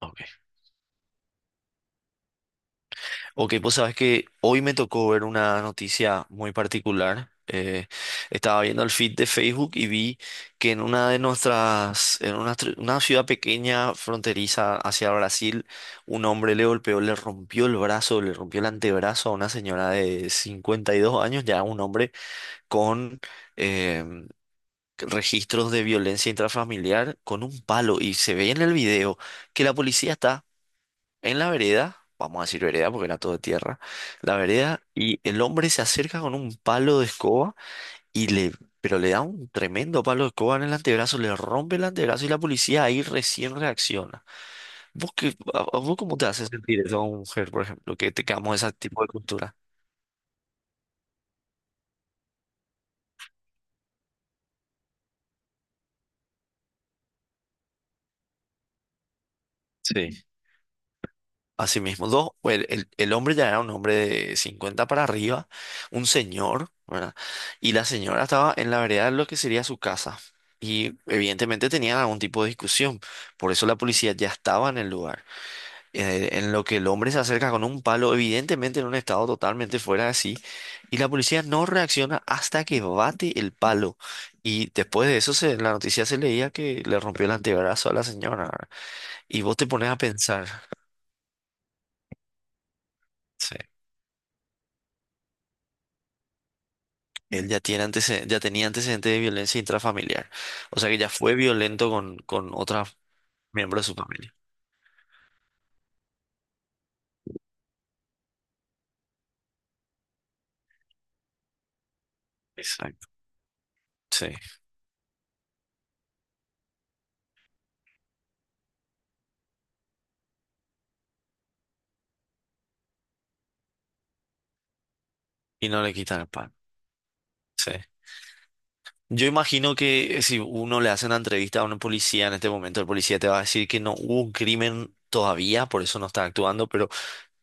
Ok, Ok, pues sabes que hoy me tocó ver una noticia muy particular. Estaba viendo el feed de Facebook y vi que en una de nuestras, en una, tr- una ciudad pequeña fronteriza hacia Brasil, un hombre le golpeó, le rompió el brazo, le rompió el antebrazo a una señora de 52 años, ya un hombre con em, registros de violencia intrafamiliar con un palo. Y se ve en el video que la policía está en la vereda, vamos a decir vereda porque era todo de tierra, la vereda, y el hombre se acerca con un palo de escoba y le, pero le da un tremendo palo de escoba en el antebrazo, le rompe el antebrazo y la policía ahí recién reacciona. ¿Vos qué, a vos cómo te hace sentir eso a una mujer, por ejemplo, que te quedamos ese tipo de cultura? Sí. Así mismo, dos, pues, el hombre ya era un hombre de 50 para arriba, un señor, ¿verdad? Y la señora estaba en la vereda de lo que sería su casa. Y evidentemente tenían algún tipo de discusión. Por eso la policía ya estaba en el lugar. En lo que el hombre se acerca con un palo, evidentemente en un estado totalmente fuera de sí. Y la policía no reacciona hasta que bate el palo. Y después de eso, se, en la noticia se leía que le rompió el antebrazo a la señora, ¿verdad? Y vos te pones a pensar. Sí. Él ya tiene antecedentes, ya tenía antecedentes de violencia intrafamiliar. O sea que ya fue violento con otros miembros de su familia. Exacto. Sí. Y no le quitan el pan. Sí. Yo imagino que si uno le hace una entrevista a un policía en este momento, el policía te va a decir que no hubo un crimen todavía, por eso no está actuando, pero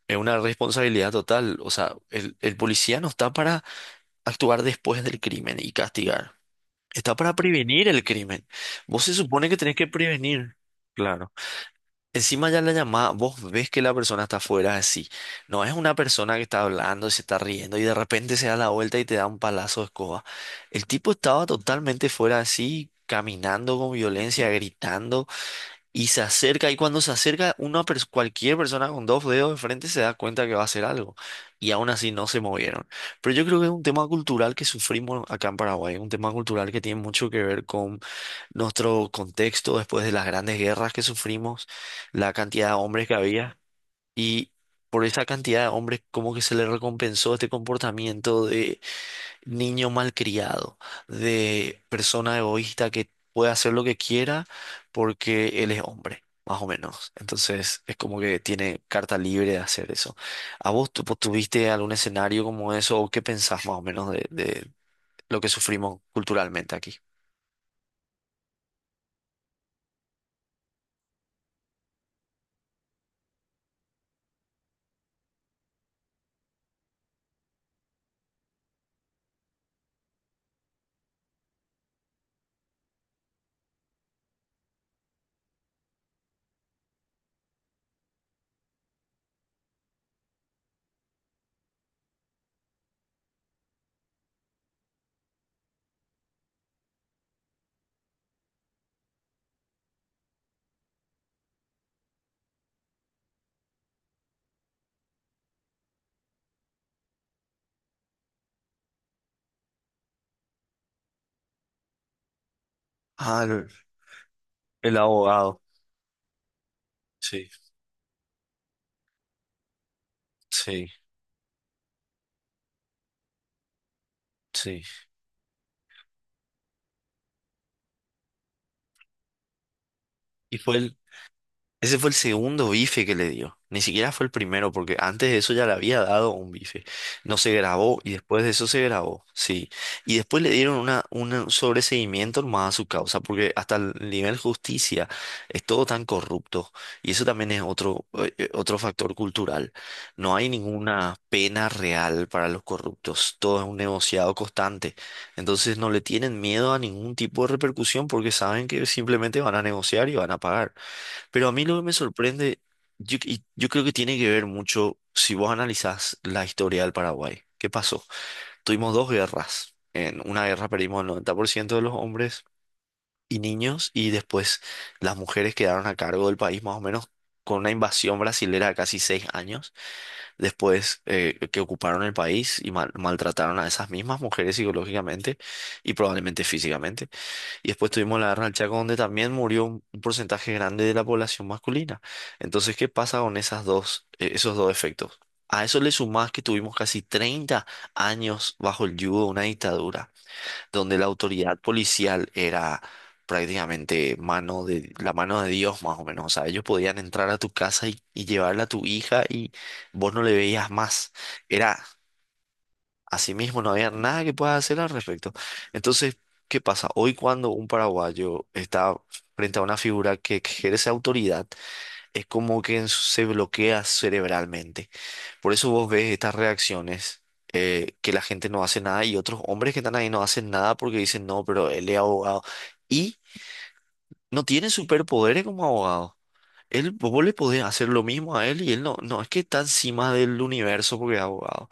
es una responsabilidad total. O sea, el policía no está para actuar después del crimen y castigar. Está para prevenir el crimen. Vos se supone que tenés que prevenir. Claro. Encima ya la llamada, vos ves que la persona está afuera así. No es una persona que está hablando, y se está riendo y de repente se da la vuelta y te da un palazo de escoba. El tipo estaba totalmente fuera así, caminando con violencia, gritando y se acerca. Y cuando se acerca, cualquier persona con dos dedos de frente se da cuenta que va a hacer algo. Y aún así no se movieron. Pero yo creo que es un tema cultural que sufrimos acá en Paraguay, un tema cultural que tiene mucho que ver nuestro contexto después de las grandes guerras que sufrimos, la cantidad de hombres que había y por esa cantidad de hombres como que se le recompensó este comportamiento de niño malcriado, de persona egoísta que puede hacer lo que quiera porque él es hombre. Más o menos. Entonces es como que tiene carta libre de hacer eso. ¿A vos vos tuviste algún escenario como eso o qué pensás más o menos de lo que sufrimos culturalmente aquí? Ah, el abogado. Sí. Sí, sí. Y fue el, Ese fue el segundo bife que le dio. Ni siquiera fue el primero, porque antes de eso ya le había dado un bife. No se grabó y después de eso se grabó, sí. Y después le dieron una, un sobreseguimiento más a su causa, porque hasta el nivel justicia es todo tan corrupto. Y eso también es otro factor cultural. No hay ninguna pena real para los corruptos. Todo es un negociado constante. Entonces no le tienen miedo a ningún tipo de repercusión porque saben que simplemente van a negociar y van a pagar. Pero a mí lo que me sorprende, y yo creo que tiene que ver mucho si vos analizás la historia del Paraguay. ¿Qué pasó? Tuvimos dos guerras. En una guerra perdimos el 90% de los hombres y niños y después las mujeres quedaron a cargo del país más o menos con una invasión brasilera de casi 6 años. Después que ocuparon el país y maltrataron a esas mismas mujeres psicológicamente y probablemente físicamente. Y después tuvimos la guerra del Chaco, donde también murió un porcentaje grande de la población masculina. Entonces, ¿qué pasa con esos dos efectos? A eso le sumás que tuvimos casi 30 años bajo el yugo de una dictadura, donde la autoridad policial era prácticamente la mano de Dios, más o menos. O sea, ellos podían entrar a tu casa y llevarle a tu hija y vos no le veías más. Era Asimismo, no había nada que pueda hacer al respecto. Entonces, ¿qué pasa? Hoy cuando un paraguayo está frente a una figura que ejerce autoridad, es como que se bloquea cerebralmente. Por eso vos ves estas reacciones, que la gente no hace nada y otros hombres que están ahí no hacen nada porque dicen, no, pero él es abogado. Y no tiene superpoderes como abogado. Él, vos le podés hacer lo mismo a él y él no, no es que está encima del universo porque es abogado.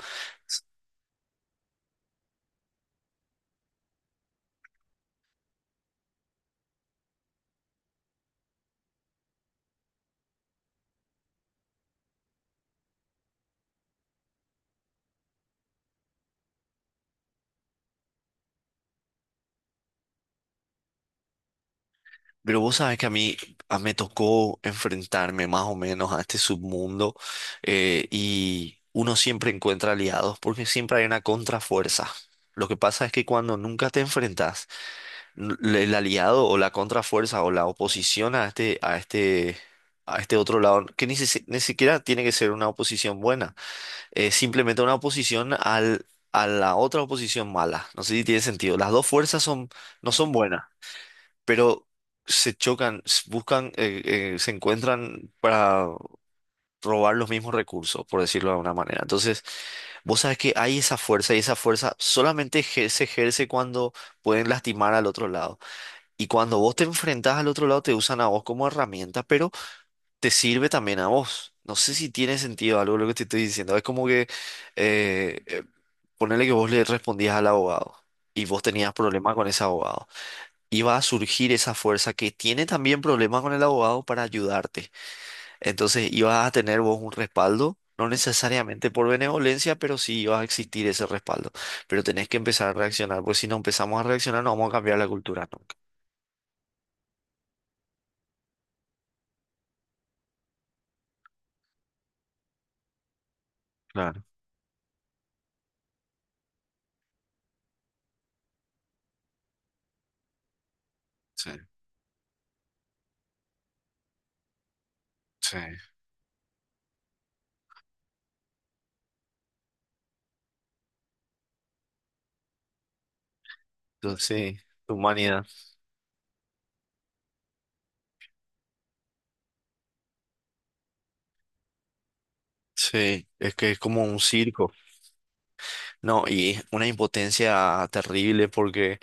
Pero vos sabes que a mí me tocó enfrentarme más o menos a este submundo y uno siempre encuentra aliados porque siempre hay una contrafuerza. Lo que pasa es que cuando nunca te enfrentas, el aliado o la contrafuerza o la oposición a este, a este, a este otro lado, que ni, ni siquiera tiene que ser una oposición buena, es simplemente una oposición a la otra oposición mala. No sé si tiene sentido. Las dos fuerzas son, no son buenas pero se chocan, se encuentran para robar los mismos recursos, por decirlo de alguna manera. Entonces, vos sabés que hay esa fuerza y esa fuerza solamente se ejerce cuando pueden lastimar al otro lado. Y cuando vos te enfrentás al otro lado, te usan a vos como herramienta, pero te sirve también a vos. No sé si tiene sentido algo lo que te estoy diciendo. Es como que eh, eh, ponele que vos le respondías al abogado y vos tenías problemas con ese abogado iba a surgir esa fuerza que tiene también problemas con el abogado para ayudarte. Entonces ibas a tener vos un respaldo, no necesariamente por benevolencia, pero sí iba a existir ese respaldo. Pero tenés que empezar a reaccionar, porque si no empezamos a reaccionar no vamos a cambiar la cultura nunca. Claro. Sí, sí. Entonces, sí, tu humanidad. Sí, es que es como un circo. No, y es una impotencia terrible porque.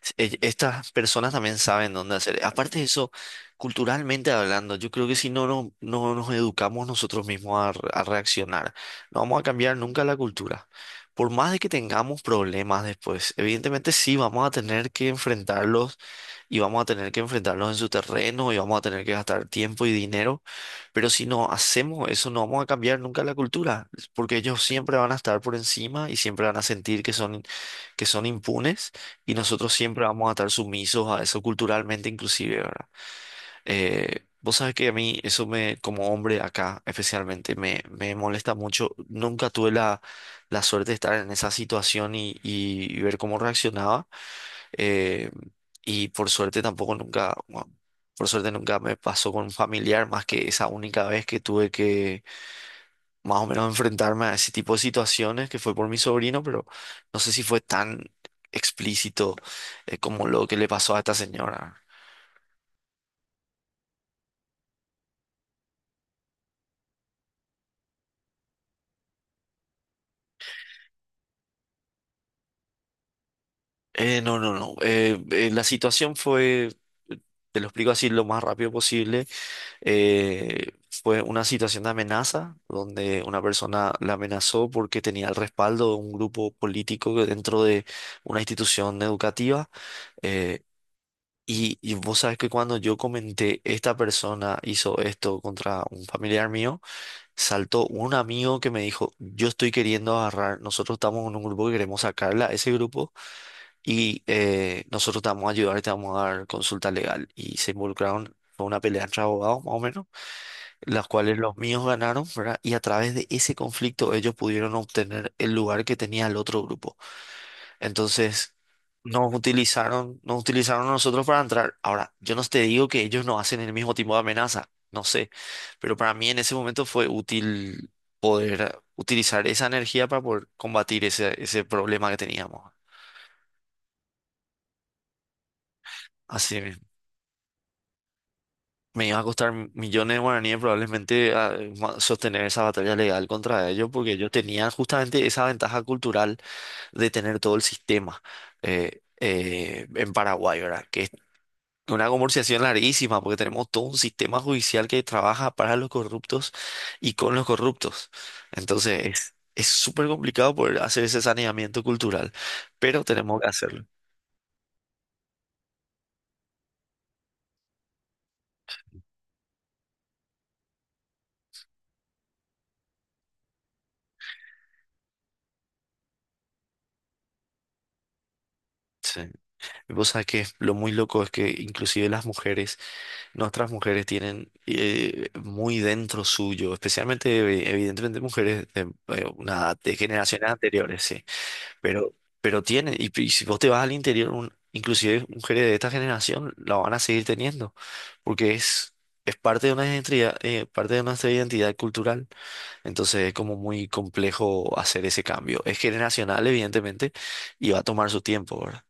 Sí, estas personas también saben dónde hacer. Aparte de eso, culturalmente hablando, yo creo que si no, no, no nos educamos nosotros mismos a reaccionar, no vamos a cambiar nunca la cultura. Por más de que tengamos problemas después, evidentemente sí vamos a tener que enfrentarlos y vamos a tener que enfrentarlos en su terreno y vamos a tener que gastar tiempo y dinero, pero si no hacemos eso, no vamos a cambiar nunca la cultura, porque ellos siempre van a estar por encima y siempre van a sentir que son impunes y nosotros siempre vamos a estar sumisos a eso culturalmente inclusive, ¿verdad? Vos sabes que a mí eso me, como hombre acá especialmente, me molesta mucho. Nunca tuve la suerte de estar en esa situación y ver cómo reaccionaba. Eh, y por suerte tampoco nunca, bueno, por suerte nunca me pasó con un familiar más que esa única vez que tuve que más o menos enfrentarme a ese tipo de situaciones que fue por mi sobrino, pero no sé si fue tan explícito como lo que le pasó a esta señora. No, no, no. La situación fue, te lo explico así lo más rápido posible, eh, fue una situación de amenaza donde una persona la amenazó porque tenía el respaldo de un grupo político que dentro de una institución educativa. eh, y vos sabes que cuando yo comenté, esta persona hizo esto contra un familiar mío, saltó un amigo que me dijo, yo estoy queriendo agarrar, nosotros estamos en un grupo que queremos sacarla, a ese grupo, y nosotros te vamos a ayudar y te vamos a dar consulta legal. Y se involucraron, fue una pelea entre abogados más o menos, las cuales los míos ganaron, ¿verdad? Y a través de ese conflicto ellos pudieron obtener el lugar que tenía el otro grupo. Entonces, nos utilizaron a nosotros para entrar. Ahora, yo no te digo que ellos no hacen el mismo tipo de amenaza, no sé, pero para mí en ese momento fue útil poder utilizar esa energía para poder combatir ese problema que teníamos. Así mismo. Me iba a costar millones de guaraníes probablemente sostener esa batalla legal contra ellos porque ellos tenían justamente esa ventaja cultural de tener todo el sistema en Paraguay, ¿verdad? Que es una conversación larguísima, porque tenemos todo un sistema judicial que trabaja para los corruptos y con los corruptos. Entonces, es súper complicado poder hacer ese saneamiento cultural, pero tenemos que hacerlo. Sí. Y vos sabés que lo muy loco es que inclusive las mujeres, nuestras mujeres tienen muy dentro suyo, especialmente evidentemente mujeres de una de generaciones anteriores, sí. Pero, pero tiene, y si vos te vas al interior, inclusive mujeres de esta generación la van a seguir teniendo, porque es parte de una identidad, parte de nuestra identidad cultural. Entonces es como muy complejo hacer ese cambio. Es generacional, evidentemente, y va a tomar su tiempo, ¿verdad?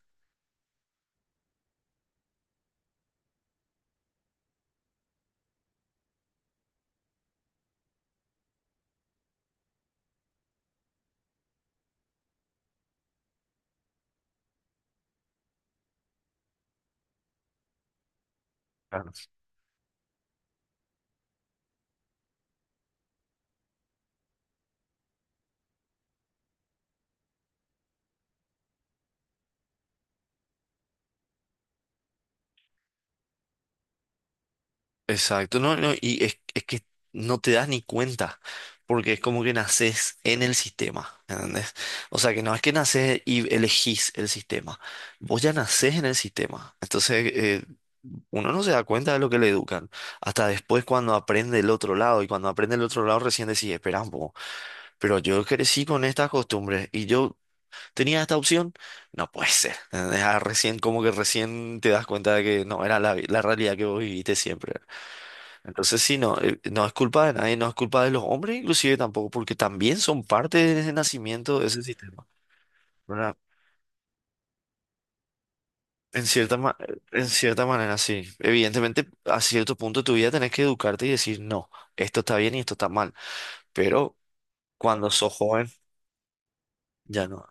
Exacto, no, no, y es que no te das ni cuenta, porque es como que naces en el sistema, ¿entendés? O sea, que no es que naces y elegís el sistema, vos ya nacés en el sistema, entonces uno no se da cuenta de lo que le educan, hasta después cuando aprende el otro lado, y cuando aprende el otro lado recién decís, espera un poco, pero yo crecí con estas costumbres y yo tenía esta opción, no puede ser, ¿entendés? Ah, recién como que recién te das cuenta de que no era la realidad que vos viviste siempre. Entonces sí, no, no es culpa de nadie, no es culpa de los hombres inclusive tampoco, porque también son parte de ese nacimiento de ese sistema, ¿verdad? En cierta ma- en cierta manera, sí. Evidentemente, a cierto punto de tu vida tenés que educarte y decir, no, esto está bien y esto está mal. Pero cuando sos joven, ya no.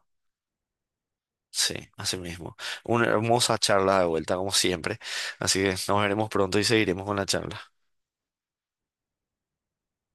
Sí, así mismo. Una hermosa charla de vuelta, como siempre. Así que nos veremos pronto y seguiremos con la charla.